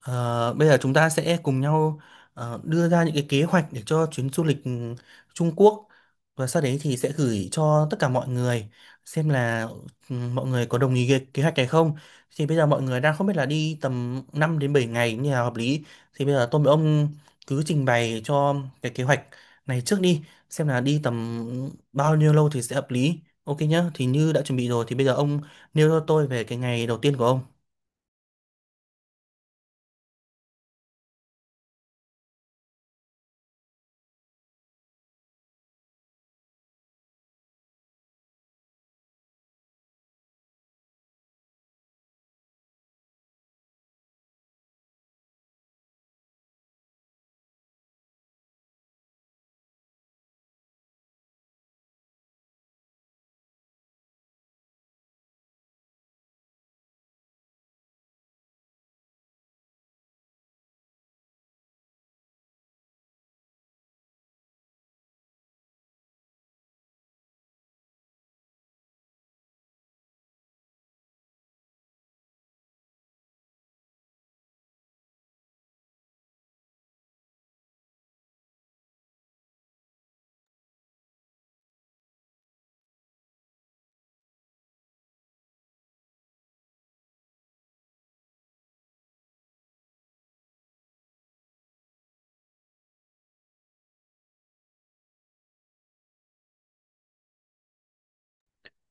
Ờ, Bây giờ chúng ta sẽ cùng nhau đưa ra những cái kế hoạch để cho chuyến du lịch Trung Quốc, và sau đấy thì sẽ gửi cho tất cả mọi người xem là mọi người có đồng ý cái kế hoạch này không. Thì bây giờ mọi người đang không biết là đi tầm 5 đến 7 ngày như là hợp lý. Thì bây giờ tôi với ông cứ trình bày cho cái kế hoạch này trước đi, xem là đi tầm bao nhiêu lâu thì sẽ hợp lý. Ok nhá, thì như đã chuẩn bị rồi thì bây giờ ông nêu cho tôi về cái ngày đầu tiên của ông.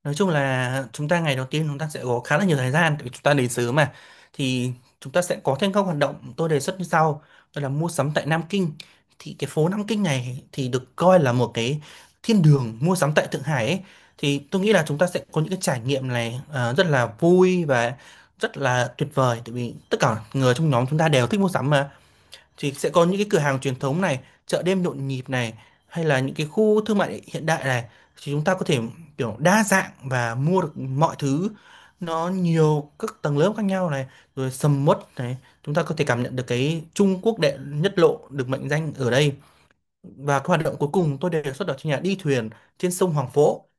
Nói chung là chúng ta ngày đầu tiên chúng ta sẽ có khá là nhiều thời gian tại vì chúng ta đến sớm mà, thì chúng ta sẽ có thêm các hoạt động tôi đề xuất như sau, đó là mua sắm tại Nam Kinh. Thì cái phố Nam Kinh này thì được coi là một cái thiên đường mua sắm tại Thượng Hải ấy. Thì tôi nghĩ là chúng ta sẽ có những cái trải nghiệm này rất là vui và rất là tuyệt vời, tại vì tất cả người trong nhóm chúng ta đều thích mua sắm mà, thì sẽ có những cái cửa hàng truyền thống này, chợ đêm nhộn nhịp này, hay là những cái khu thương mại hiện đại này, thì chúng ta có thể kiểu đa dạng và mua được mọi thứ, nó nhiều các tầng lớp khác nhau này, rồi sầm uất này. Chúng ta có thể cảm nhận được cái Trung Quốc đệ nhất lộ được mệnh danh ở đây. Và cái hoạt động cuối cùng tôi đề xuất đó chính là đi thuyền trên sông Hoàng Phố.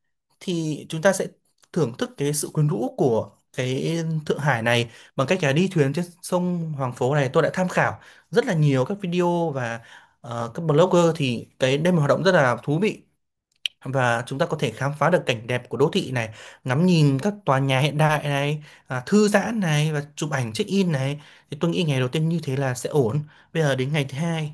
Thì chúng ta sẽ thưởng thức cái sự quyến rũ của cái Thượng Hải này bằng cách là đi thuyền trên sông Hoàng Phố này. Tôi đã tham khảo rất là nhiều các video và các blogger, thì cái đây là một hoạt động rất là thú vị, và chúng ta có thể khám phá được cảnh đẹp của đô thị này, ngắm nhìn các tòa nhà hiện đại này, thư giãn này, và chụp ảnh check in này. Thì tôi nghĩ ngày đầu tiên như thế là sẽ ổn. Bây giờ đến ngày thứ hai.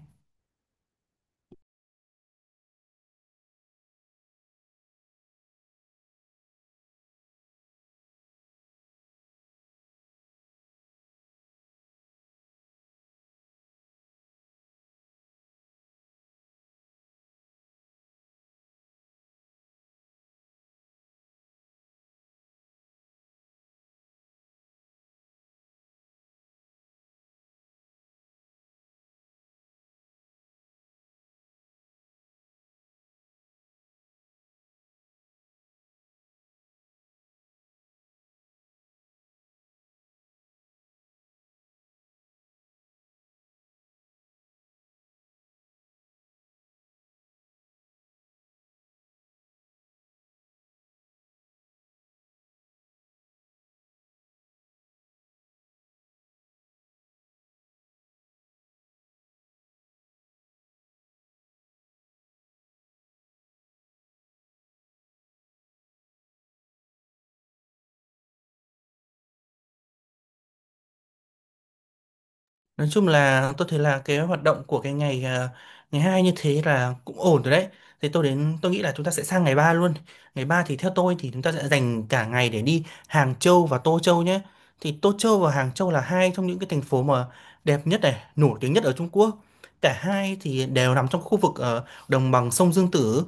Nói chung là tôi thấy là cái hoạt động của cái ngày hai như thế là cũng ổn rồi đấy. Thế tôi đến tôi nghĩ là chúng ta sẽ sang ngày 3 luôn. Ngày 3 thì theo tôi thì chúng ta sẽ dành cả ngày để đi Hàng Châu và Tô Châu nhé. Thì Tô Châu và Hàng Châu là hai trong những cái thành phố mà đẹp nhất này, nổi tiếng nhất ở Trung Quốc. Cả hai thì đều nằm trong khu vực ở đồng bằng sông Dương Tử,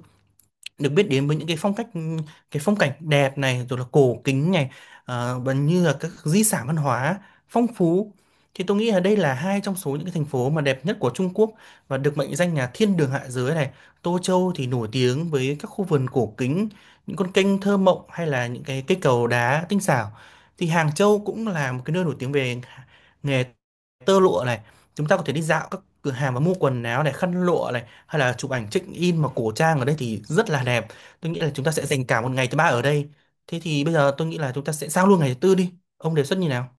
được biết đến với những cái phong cảnh đẹp này, rồi là cổ kính này, và như là các di sản văn hóa phong phú. Thì tôi nghĩ là đây là hai trong số những cái thành phố mà đẹp nhất của Trung Quốc và được mệnh danh là thiên đường hạ giới này. Tô Châu thì nổi tiếng với các khu vườn cổ kính, những con kênh thơ mộng, hay là những cái cây cầu đá tinh xảo. Thì Hàng Châu cũng là một cái nơi nổi tiếng về nghề tơ lụa này, chúng ta có thể đi dạo các cửa hàng và mua quần áo này, khăn lụa này, hay là chụp ảnh check in mà cổ trang ở đây thì rất là đẹp. Tôi nghĩ là chúng ta sẽ dành cả một ngày thứ ba ở đây. Thế thì bây giờ tôi nghĩ là chúng ta sẽ sang luôn ngày thứ tư, đi ông đề xuất như nào.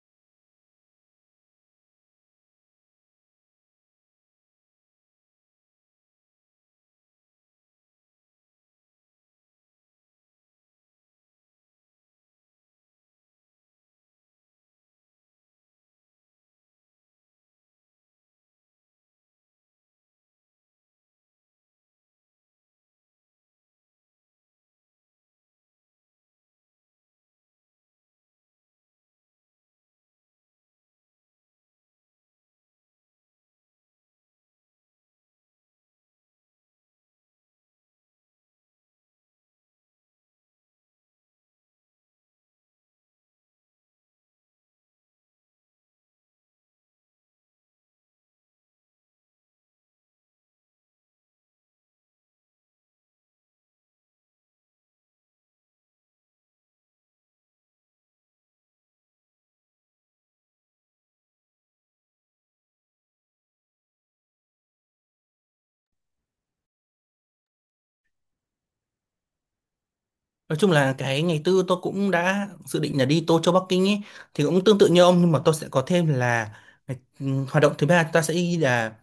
Nói chung là cái ngày tư tôi cũng đã dự định là đi Tô Châu Bắc Kinh ấy, thì cũng tương tự như ông, nhưng mà tôi sẽ có thêm là hoạt động thứ ba chúng ta sẽ đi là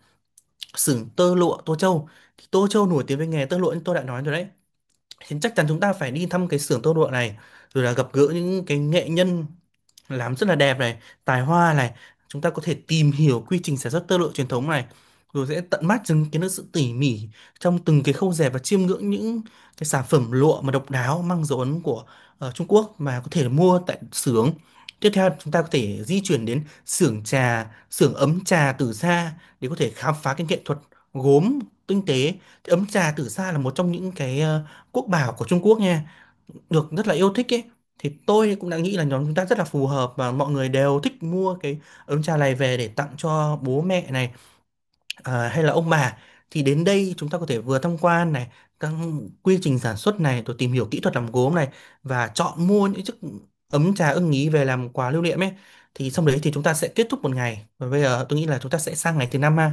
xưởng tơ lụa Tô Châu. Thì Tô Châu nổi tiếng với nghề tơ lụa như tôi đã nói rồi đấy, thì chắc chắn chúng ta phải đi thăm cái xưởng tơ lụa này, rồi là gặp gỡ những cái nghệ nhân làm rất là đẹp này, tài hoa này. Chúng ta có thể tìm hiểu quy trình sản xuất tơ lụa truyền thống này, rồi sẽ tận mắt chứng kiến được sự tỉ mỉ trong từng cái khâu dệt, và chiêm ngưỡng những cái sản phẩm lụa mà độc đáo mang dấu ấn của Trung Quốc mà có thể mua tại xưởng. Tiếp theo chúng ta có thể di chuyển đến xưởng ấm trà tử sa để có thể khám phá cái nghệ thuật gốm tinh tế. Thì ấm trà tử sa là một trong những cái quốc bảo của Trung Quốc nha, được rất là yêu thích ấy. Thì tôi cũng đã nghĩ là nhóm chúng ta rất là phù hợp và mọi người đều thích mua cái ấm trà này về để tặng cho bố mẹ này, hay là ông bà. Thì đến đây chúng ta có thể vừa tham quan này các quy trình sản xuất này, rồi tìm hiểu kỹ thuật làm gốm này, và chọn mua những chiếc ấm trà ưng ý về làm quà lưu niệm ấy. Thì xong đấy thì chúng ta sẽ kết thúc một ngày, và bây giờ tôi nghĩ là chúng ta sẽ sang ngày thứ năm ha.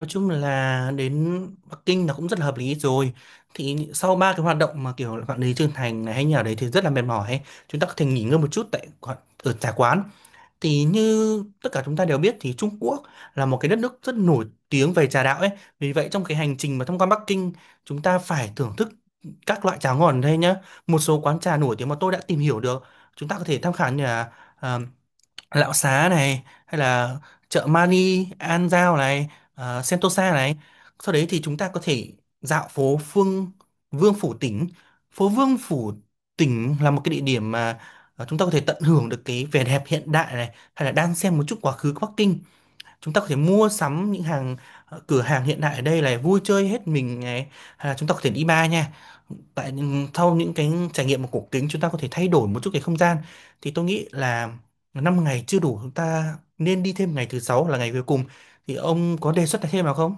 Nói chung là đến Bắc Kinh là cũng rất là hợp lý rồi. Thì sau ba cái hoạt động mà kiểu là bạn đến Trương Thành này hay nhà đấy thì rất là mệt mỏi ấy. Chúng ta có thể nghỉ ngơi một chút ở trà quán. Thì như tất cả chúng ta đều biết thì Trung Quốc là một cái đất nước rất nổi tiếng về trà đạo ấy. Vì vậy trong cái hành trình mà thông qua Bắc Kinh, chúng ta phải thưởng thức các loại trà ngon ở đây nhá. Một số quán trà nổi tiếng mà tôi đã tìm hiểu được chúng ta có thể tham khảo như là ờ, Lão Xá này, hay là chợ Mani An Giao này, Sentosa này. Sau đấy thì chúng ta có thể dạo phố Phương Vương Phủ Tỉnh. Phố Vương Phủ Tỉnh là một cái địa điểm mà chúng ta có thể tận hưởng được cái vẻ đẹp hiện đại này, hay là đang xem một chút quá khứ của Bắc Kinh. Chúng ta có thể mua sắm những cửa hàng hiện đại ở đây này, vui chơi hết mình này, hay là chúng ta có thể đi bar nha. Tại sau những cái trải nghiệm của cổ kính, chúng ta có thể thay đổi một chút cái không gian. Thì tôi nghĩ là 5 ngày chưa đủ, chúng ta nên đi thêm ngày thứ sáu là ngày cuối cùng. Thì ông có đề xuất thêm nào không?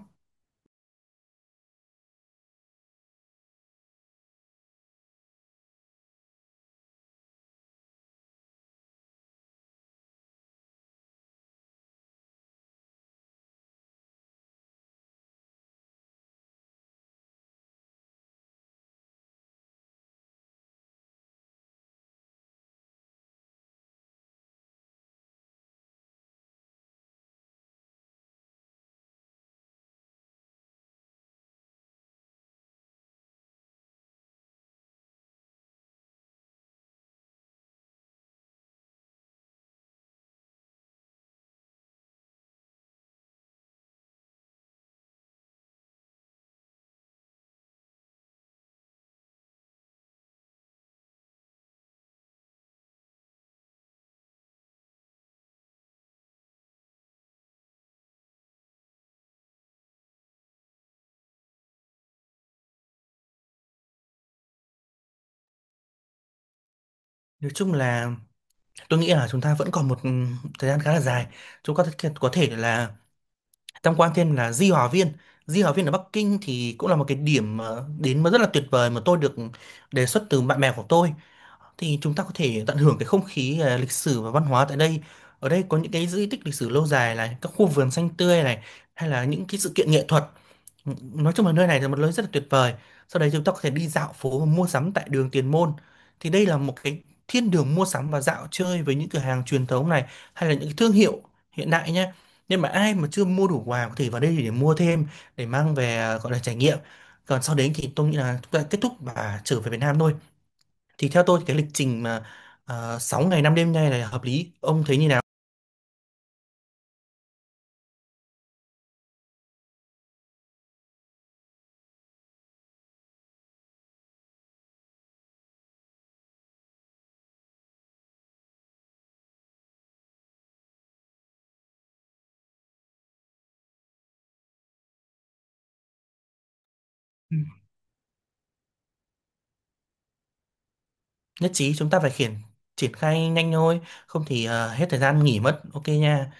Nói chung là tôi nghĩ là chúng ta vẫn còn một thời gian khá là dài. Chúng ta có thể là tham quan thêm là Di Hòa Viên. Di Hòa Viên ở Bắc Kinh thì cũng là một cái điểm đến mà rất là tuyệt vời, mà tôi được đề xuất từ bạn bè của tôi. Thì chúng ta có thể tận hưởng cái không khí lịch sử và văn hóa tại đây. Ở đây có những cái di tích lịch sử lâu dài này, các khu vườn xanh tươi này, hay là những cái sự kiện nghệ thuật. Nói chung là nơi này là một nơi rất là tuyệt vời. Sau đấy chúng ta có thể đi dạo phố và mua sắm tại đường Tiền Môn. Thì đây là một cái thiên đường mua sắm và dạo chơi với những cửa hàng truyền thống này, hay là những cái thương hiệu hiện đại nhé. Nhưng mà ai mà chưa mua đủ quà có thể vào đây để mua thêm, để mang về, gọi là trải nghiệm. Còn sau đấy thì tôi nghĩ là chúng ta kết thúc và trở về Việt Nam thôi. Thì theo tôi thì cái lịch trình mà 6 ngày 5 đêm này là hợp lý, ông thấy như nào? Ừ. Nhất trí, chúng ta phải triển khai nhanh thôi, không thì hết thời gian nghỉ mất. Ok nha.